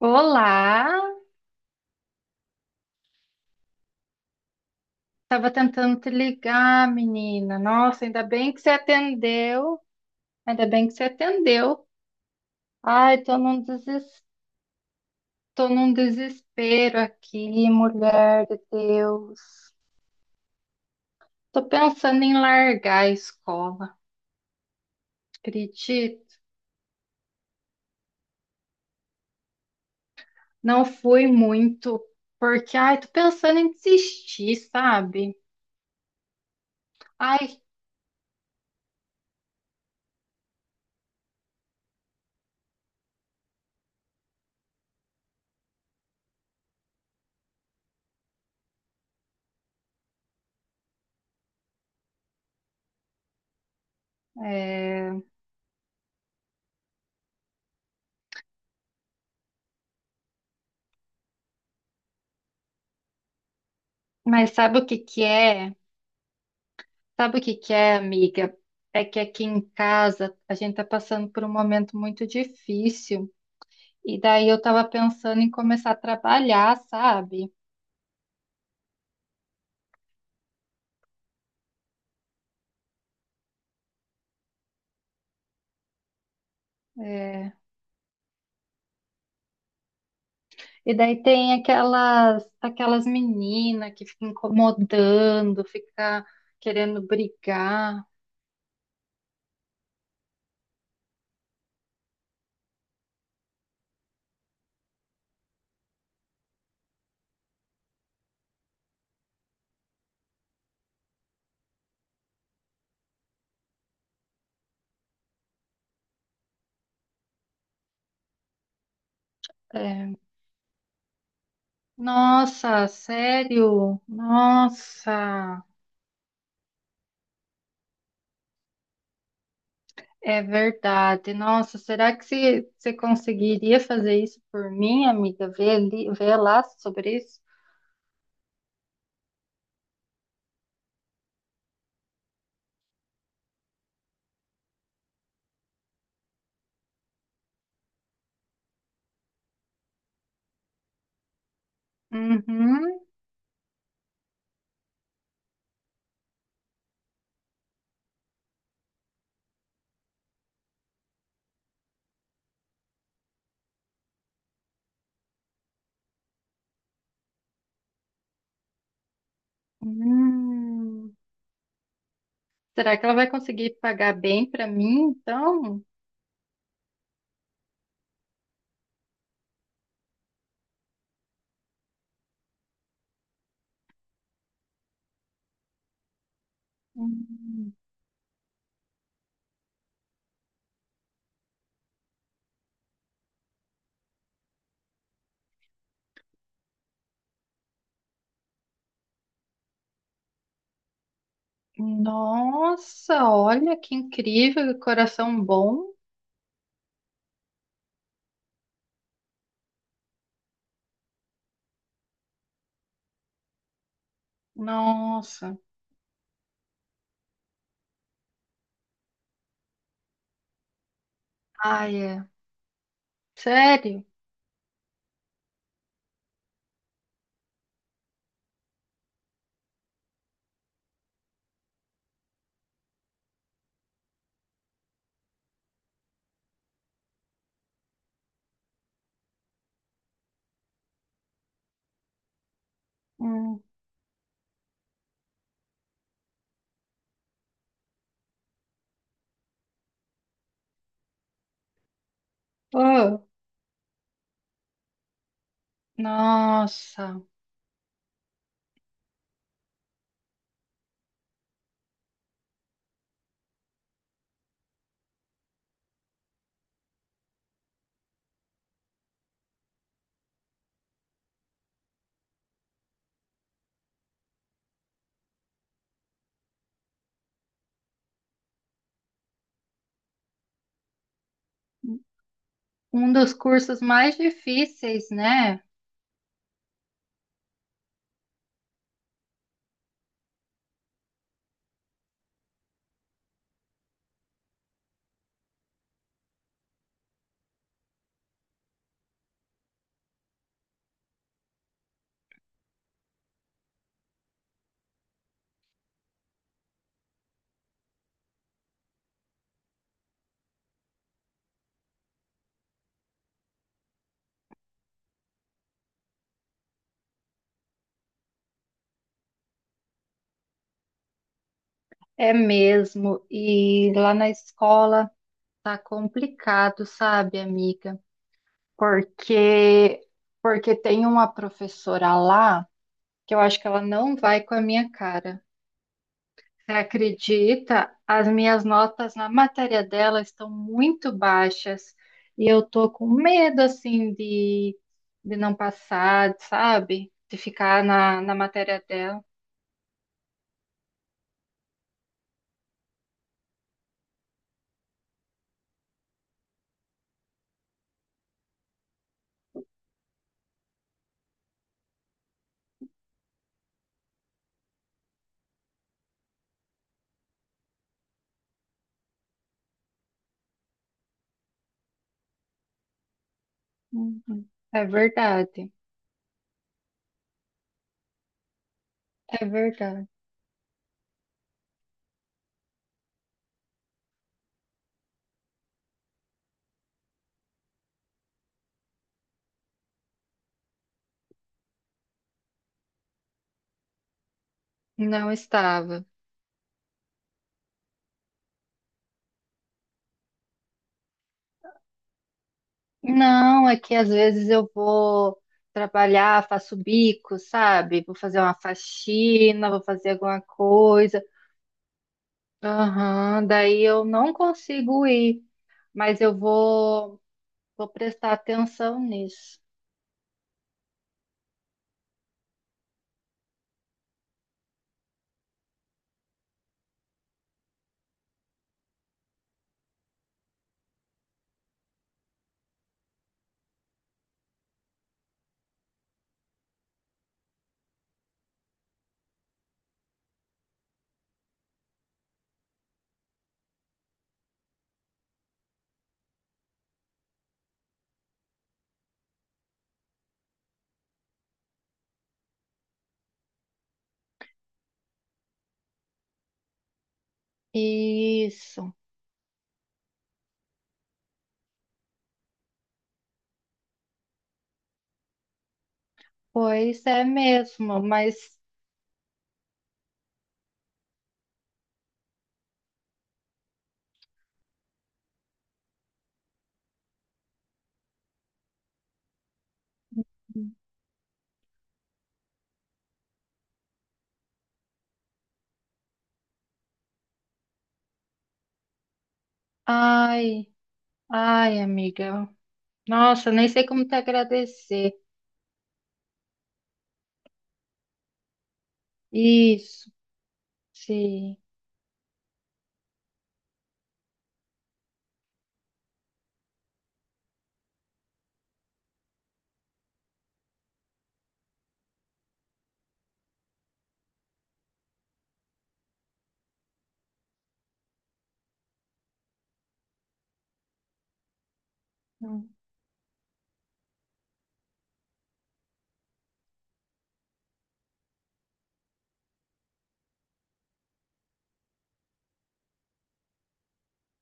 Olá, estava tentando te ligar, menina. Nossa, ainda bem que você atendeu. Ainda bem que você atendeu. Ai, tô num desespero aqui, mulher de Deus. Tô pensando em largar a escola. Acredito, não fui muito, porque ai, tô pensando em desistir, sabe? Ai, é, mas sabe o que que é? Sabe o que que é, amiga? É que aqui em casa a gente está passando por um momento muito difícil. E daí eu estava pensando em começar a trabalhar, sabe? É, e daí tem aquelas meninas que ficam incomodando, fica querendo brigar. É, nossa, sério? Nossa, é verdade. Nossa, será que você conseguiria fazer isso por mim, amiga? Ver ali, ver lá sobre isso? Uhum. Hum. Será que ela vai conseguir pagar bem para mim, então? Hum. Nossa, olha que incrível, que coração bom. Nossa. Ai, é. Sério? Hum. Oh, nossa. Um dos cursos mais difíceis, né? É mesmo. E lá na escola tá complicado, sabe, amiga? Porque porque tem uma professora lá que eu acho que ela não vai com a minha cara. Você acredita? As minhas notas na matéria dela estão muito baixas e eu tô com medo assim de não passar, sabe? De ficar na, na matéria dela. Uhum. É verdade, é verdade. Não estava. Não, é que às vezes eu vou trabalhar, faço bico, sabe? Vou fazer uma faxina, vou fazer alguma coisa. Aham, daí eu não consigo ir, mas eu vou, vou prestar atenção nisso. Isso, pois é mesmo, mas ai, ai, amiga. Nossa, nem sei como te agradecer. Isso, sim.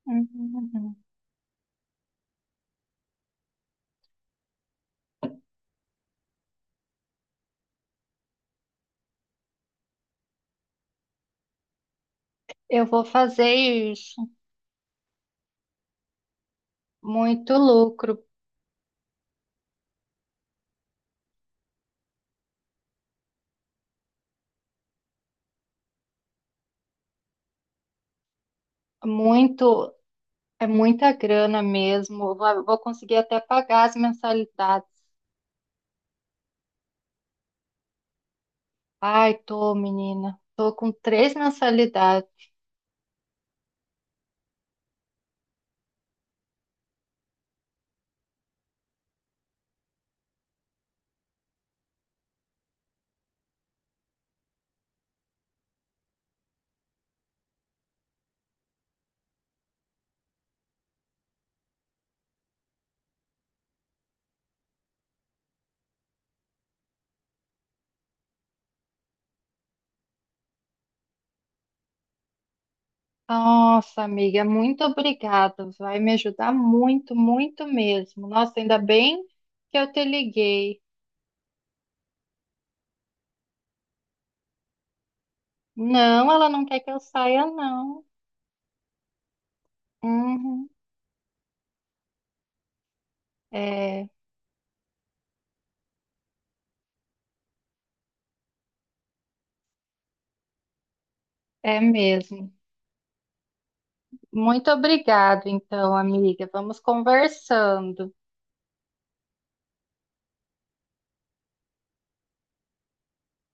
Uhum. Eu vou fazer isso. Muito lucro, muito, é muita grana mesmo. Eu vou conseguir até pagar as mensalidades. Ai, tô, menina. Tô com três mensalidades. Nossa, amiga, muito obrigada. Vai me ajudar muito, muito mesmo. Nossa, ainda bem que eu te liguei. Não, ela não quer que eu saia, não. Uhum. É, é mesmo. Muito obrigado, então, amiga. Vamos conversando.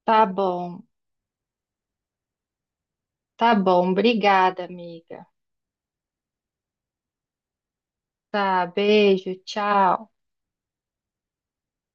Tá bom, tá bom. Obrigada, amiga. Tá, beijo, tchau.